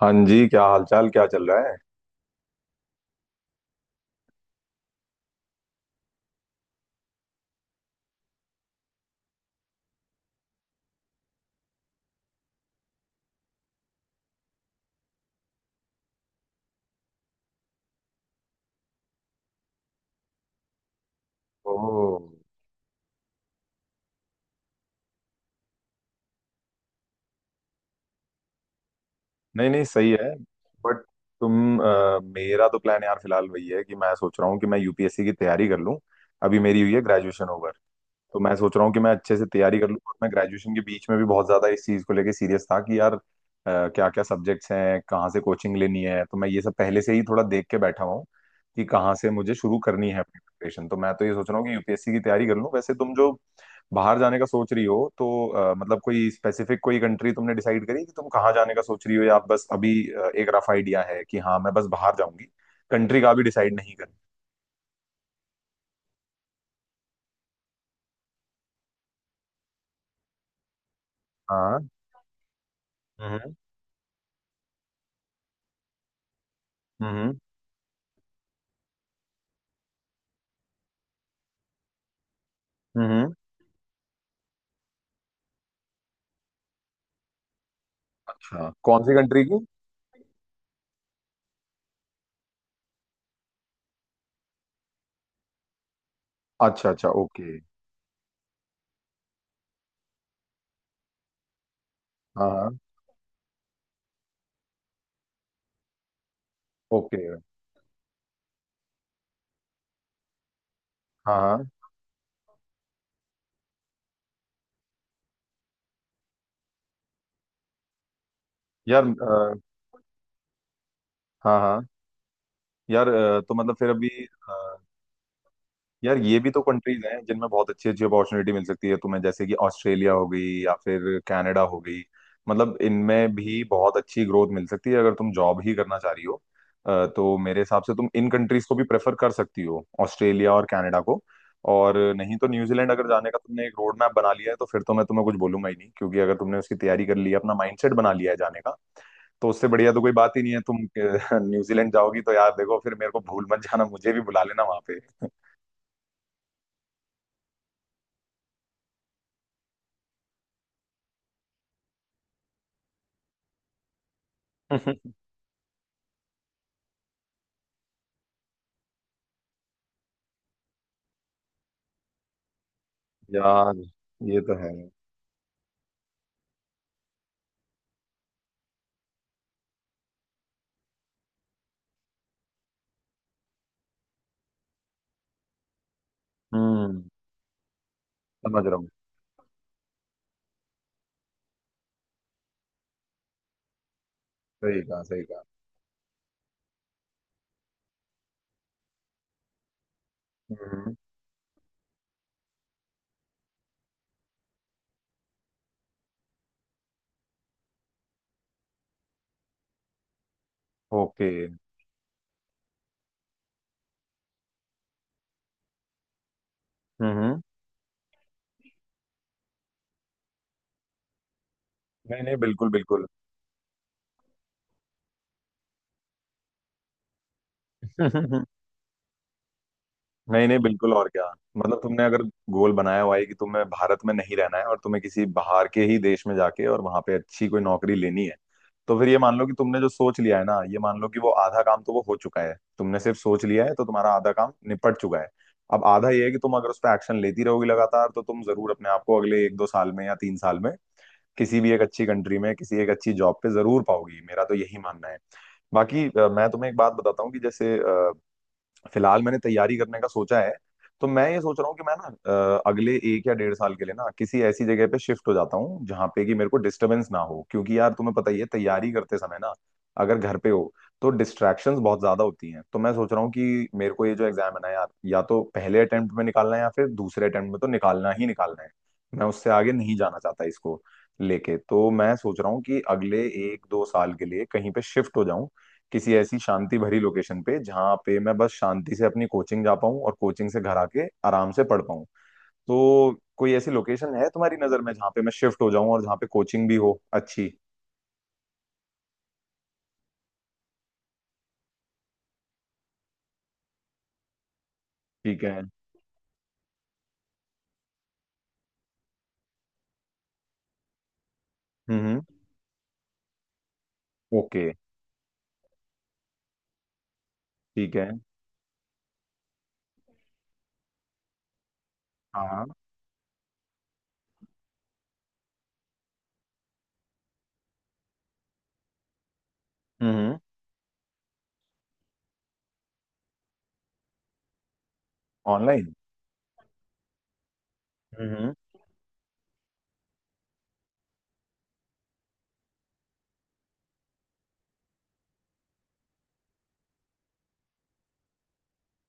हाँ जी, क्या हालचाल? क्या चल रहा है? ओह। नहीं नहीं, सही है। बट मेरा तो प्लान यार फिलहाल वही है कि मैं सोच रहा हूँ कि मैं यूपीएससी की तैयारी कर लूँ। अभी मेरी हुई है ग्रेजुएशन ओवर। तो मैं सोच रहा हूँ कि मैं अच्छे से तैयारी कर लूँ, और मैं ग्रेजुएशन के बीच में भी बहुत ज्यादा इस चीज को लेके सीरियस था कि यार क्या क्या सब्जेक्ट्स हैं, कहाँ से कोचिंग लेनी है। तो मैं ये सब पहले से ही थोड़ा देख के बैठा हुआ हूँ कि कहाँ से मुझे शुरू करनी है अपनी प्रिपरेशन। तो मैं तो ये सोच रहा हूँ कि यूपीएससी की तैयारी कर लूँ। वैसे तुम जो बाहर जाने का सोच रही हो, तो मतलब कोई स्पेसिफिक कोई कंट्री तुमने डिसाइड करी कि तुम कहाँ जाने का सोच रही हो, या बस अभी एक रफ आइडिया है कि हाँ मैं बस बाहर जाऊंगी। कंट्री का भी डिसाइड नहीं करी। हाँ। हम्म। हम्म। हम्म। अच्छा, कौन सी कंट्री की? अच्छा अच्छा, ओके। हाँ हाँ, ओके। हाँ हाँ, यार हाँ हाँ, यार तो मतलब फिर अभी अ, यार ये भी तो कंट्रीज हैं जिनमें बहुत अच्छी अच्छी अपॉर्चुनिटी मिल सकती है तुम्हें, जैसे कि ऑस्ट्रेलिया हो गई या फिर कनाडा हो गई। मतलब इनमें भी बहुत अच्छी ग्रोथ मिल सकती है अगर तुम जॉब ही करना चाह रही हो। तो मेरे हिसाब से तुम इन कंट्रीज को भी प्रेफर कर सकती हो, ऑस्ट्रेलिया और कनाडा को। और नहीं तो न्यूजीलैंड अगर जाने का तुमने एक रोड मैप बना लिया है, तो फिर तो मैं तुम्हें कुछ बोलूंगा ही नहीं, क्योंकि अगर तुमने उसकी तैयारी कर ली है, अपना माइंडसेट बना लिया है जाने का, तो उससे बढ़िया तो कोई बात ही नहीं है। तुम न्यूजीलैंड जाओगी तो यार देखो, फिर मेरे को भूल मत जाना, मुझे भी बुला लेना वहां पे। यार ये तो है। हम्म। समझ रहा हूँ। सही कहा, सही कहा। हम्म। ओके। हम्म। नहीं नहीं, बिल्कुल बिल्कुल। नहीं नहीं, बिल्कुल। और क्या। मतलब तुमने अगर गोल बनाया हुआ है कि तुम्हें भारत में नहीं रहना है और तुम्हें किसी बाहर के ही देश में जाके और वहां पे अच्छी कोई नौकरी लेनी है, तो फिर ये मान लो कि तुमने जो सोच लिया है ना, ये मान लो कि वो आधा काम तो वो हो चुका है। तुमने सिर्फ सोच लिया है तो तुम्हारा आधा काम निपट चुका है। अब आधा ये है कि तुम अगर उस पर एक्शन लेती रहोगी लगातार, तो तुम जरूर अपने आप को अगले एक दो साल में या तीन साल में किसी भी एक अच्छी कंट्री में, किसी एक अच्छी जॉब पे जरूर पाओगी, मेरा तो यही मानना है। बाकी मैं तुम्हें एक बात बताता हूँ कि जैसे फिलहाल मैंने तैयारी करने का सोचा है। तो मैं ये सोच रहा हूँ कि मैं ना अगले एक या डेढ़ साल के लिए ना किसी ऐसी जगह पे शिफ्ट हो जाता हूँ जहाँ पे कि मेरे को डिस्टरबेंस ना हो, क्योंकि यार तुम्हें पता ही है तैयारी करते समय ना अगर घर पे हो तो डिस्ट्रैक्शंस बहुत ज्यादा होती हैं। तो मैं सोच रहा हूँ कि मेरे को ये जो एग्जाम है ना यार, या तो पहले अटेम्प्ट में निकालना है, या फिर दूसरे अटेम्प्ट में तो निकालना ही निकालना है। मैं उससे आगे नहीं जाना चाहता इसको लेके। तो मैं सोच रहा हूँ कि अगले एक दो साल के लिए कहीं पे शिफ्ट हो जाऊं, किसी ऐसी शांति भरी लोकेशन पे जहाँ पे मैं बस शांति से अपनी कोचिंग जा पाऊँ और कोचिंग से घर आके आराम से पढ़ पाऊँ। तो कोई ऐसी लोकेशन है तुम्हारी नजर में जहाँ पे मैं शिफ्ट हो जाऊँ और जहाँ पे कोचिंग भी हो अच्छी? ठीक है। हम्म। ओके। ठीक है। हाँ। हम्म। ऑनलाइन? हम्म।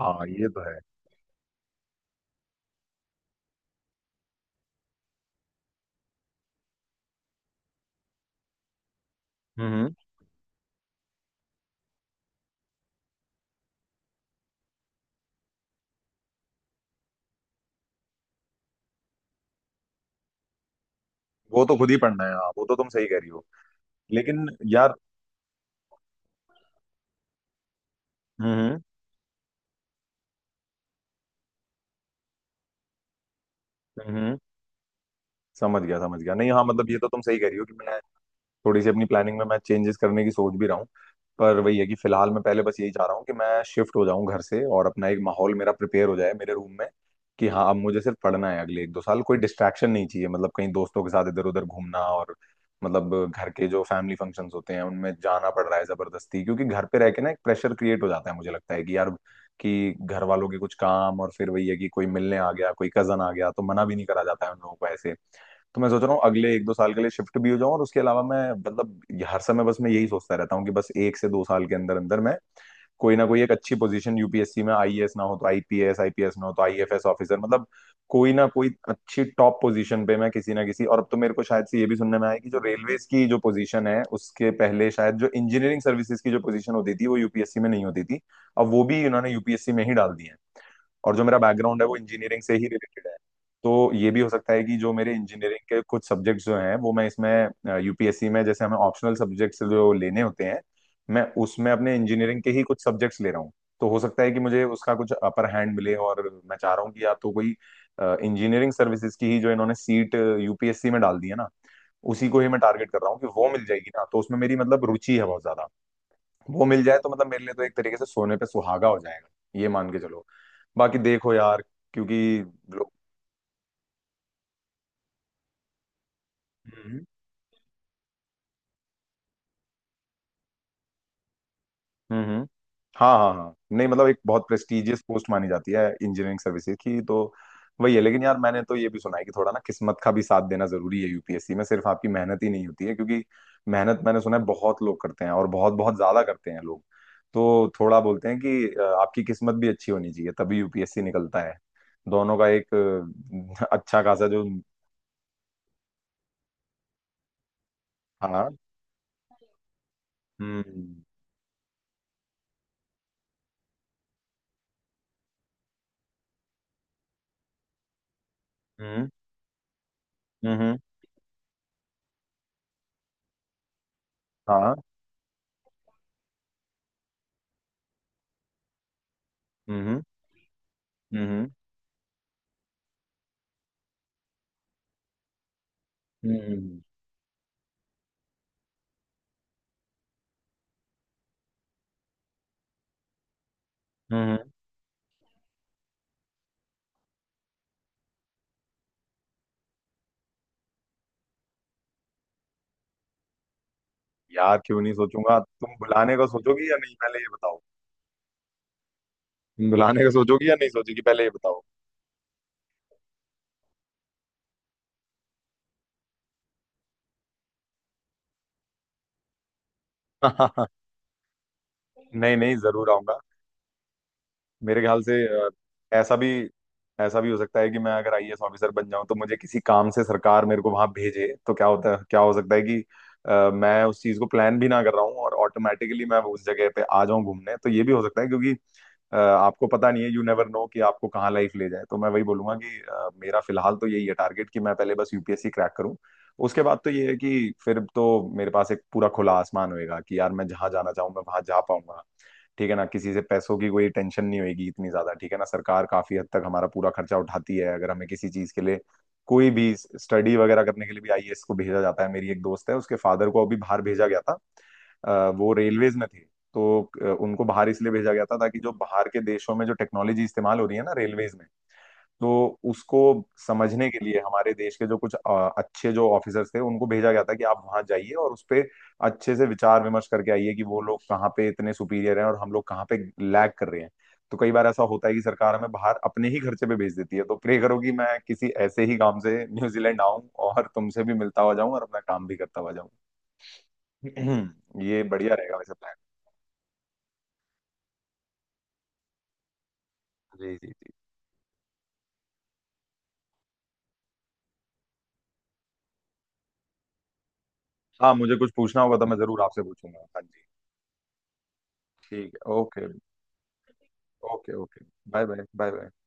हाँ, ये तो है। हम्म। वो तो खुद ही पढ़ना है, हाँ, वो तो तुम सही कह रही हो। लेकिन यार। हम्म। हम्म। समझ गया, समझ गया। नहीं हाँ, मतलब ये तो तुम सही कह रही हो कि मैं थोड़ी सी अपनी प्लानिंग में मैं चेंजेस करने की सोच भी रहा हूँ, पर वही है कि फिलहाल मैं पहले बस यही चाह रहा हूँ कि मैं शिफ्ट हो जाऊँ घर से और अपना एक माहौल मेरा प्रिपेयर हो जाए मेरे रूम में कि हाँ अब मुझे सिर्फ पढ़ना है अगले एक दो साल, कोई डिस्ट्रैक्शन नहीं चाहिए। मतलब कहीं दोस्तों के साथ इधर उधर घूमना, और मतलब घर के जो फैमिली फंक्शंस होते हैं उनमें जाना पड़ रहा है जबरदस्ती, क्योंकि घर पे रह के ना एक प्रेशर क्रिएट हो जाता है। मुझे लगता है कि यार कि घर वालों के कुछ काम, और फिर वही है कि कोई मिलने आ गया, कोई कजन आ गया, तो मना भी नहीं करा जाता है उन लोगों को ऐसे। तो मैं सोच रहा हूँ अगले एक दो साल के लिए शिफ्ट भी हो जाऊँ। और उसके अलावा मैं मतलब हर समय बस मैं यही सोचता रहता हूँ कि बस एक से दो साल के अंदर अंदर मैं कोई ना कोई एक अच्छी पोजीशन यूपीएससी में, आईएएस ना हो तो आईपीएस, आईपीएस ना हो तो आईएफएस ऑफिसर, मतलब कोई ना कोई अच्छी टॉप पोजीशन पे मैं किसी ना किसी। और अब तो मेरे को शायद से ये भी सुनने में आया कि जो रेलवेज की जो पोजीशन है, उसके पहले शायद, जो इंजीनियरिंग सर्विसेज की जो पोजीशन होती थी वो यूपीएससी में नहीं होती थी, अब वो भी उन्होंने यूपीएससी में ही डाल दी है। और जो मेरा बैकग्राउंड है वो इंजीनियरिंग से ही रिलेटेड है, तो ये भी हो सकता है कि जो मेरे इंजीनियरिंग के कुछ सब्जेक्ट्स जो हैं वो मैं इसमें यूपीएससी में, जैसे हमें ऑप्शनल सब्जेक्ट्स जो लेने होते हैं, मैं उसमें अपने इंजीनियरिंग के ही कुछ सब्जेक्ट्स ले रहा हूँ। तो हो सकता है कि मुझे उसका कुछ अपर हैंड मिले, और मैं चाह रहा हूँ कि या तो कोई इंजीनियरिंग सर्विसेज की ही जो इन्होंने सीट यूपीएससी में डाल दी है ना, उसी को ही मैं टारगेट कर रहा हूँ कि वो मिल जाएगी ना, तो उसमें मेरी मतलब रुचि है बहुत ज्यादा। वो मिल जाए तो मतलब मेरे लिए तो एक तरीके से सोने पे सुहागा हो जाएगा, ये मान के चलो। बाकी देखो यार, क्योंकि लोग। हम्म। हम्म। हाँ हाँ हाँ, नहीं मतलब एक बहुत प्रेस्टिजियस पोस्ट मानी जाती है इंजीनियरिंग सर्विसेज की, तो वही है। लेकिन यार मैंने तो ये भी सुना है कि थोड़ा ना किस्मत का भी साथ देना जरूरी है, यूपीएससी में सिर्फ आपकी मेहनत ही नहीं होती है, क्योंकि मेहनत मैंने सुना है बहुत लोग करते हैं, और बहुत बहुत ज्यादा करते हैं लोग। तो थोड़ा बोलते हैं कि आपकी किस्मत भी अच्छी होनी चाहिए तभी यूपीएससी निकलता है। दोनों का एक अच्छा खासा जो। हाँ। हम्म। हम्म। हम्म। हाँ। हम्म। हम्म। हम्म। हम्म। यार क्यों नहीं सोचूंगा? तुम बुलाने का सोचोगी या नहीं, पहले ये बताओ। तुम बुलाने का सोचोगी या नहीं सोचोगी, पहले ये बताओ। नहीं नहीं, जरूर आऊंगा। मेरे ख्याल से अ, ऐसा भी, ऐसा भी हो सकता है कि मैं अगर आईएएस ऑफिसर बन जाऊं तो मुझे किसी काम से सरकार मेरे को वहां भेजे, तो क्या होता है, क्या हो सकता है कि मैं उस चीज को प्लान भी ना कर रहा हूँ और ऑटोमेटिकली मैं उस जगह पे आ जाऊं घूमने, तो ये भी हो सकता है। क्योंकि आपको पता नहीं है, यू नेवर नो कि आपको कहाँ लाइफ ले जाए। तो मैं वही बोलूंगा कि मेरा फिलहाल तो यही है टारगेट कि मैं पहले बस यूपीएससी क्रैक करूँ। उसके बाद तो ये है कि फिर तो मेरे पास एक पूरा खुला आसमान होएगा कि यार मैं जहाँ जाना चाहूँ मैं वहां जा पाऊंगा, ठीक है ना? किसी से पैसों की कोई टेंशन नहीं होगी इतनी ज्यादा, ठीक है ना? सरकार काफी हद तक हमारा पूरा खर्चा उठाती है अगर हमें किसी चीज के लिए कोई भी स्टडी वगैरह करने के लिए भी आईएएस को भेजा जाता है। मेरी एक दोस्त है, उसके फादर को अभी बाहर भेजा गया था। वो रेलवेज में थे। तो उनको बाहर इसलिए भेजा गया था ताकि जो बाहर के देशों में जो टेक्नोलॉजी इस्तेमाल हो रही है ना रेलवेज में, तो उसको समझने के लिए हमारे देश के जो कुछ अच्छे जो ऑफिसर्स थे उनको भेजा गया था कि आप वहां जाइए और उस पे अच्छे से विचार विमर्श करके आइए कि वो लोग कहाँ पे इतने सुपीरियर हैं और हम लोग कहाँ पे लैग कर रहे हैं। तो कई बार ऐसा होता है कि सरकार हमें बाहर अपने ही खर्चे पे भेज देती है। तो प्रे करो कि मैं किसी ऐसे ही काम से न्यूजीलैंड आऊं और तुमसे भी मिलता हुआ जाऊं और अपना काम भी करता हुआ जाऊं। ये बढ़िया रहेगा वैसे प्लान। जी जी जी। हाँ मुझे कुछ पूछना होगा तो मैं जरूर आपसे पूछूंगा, हाँ जी। ठीक है, okay. Okay. Okay bye bye. Bye bye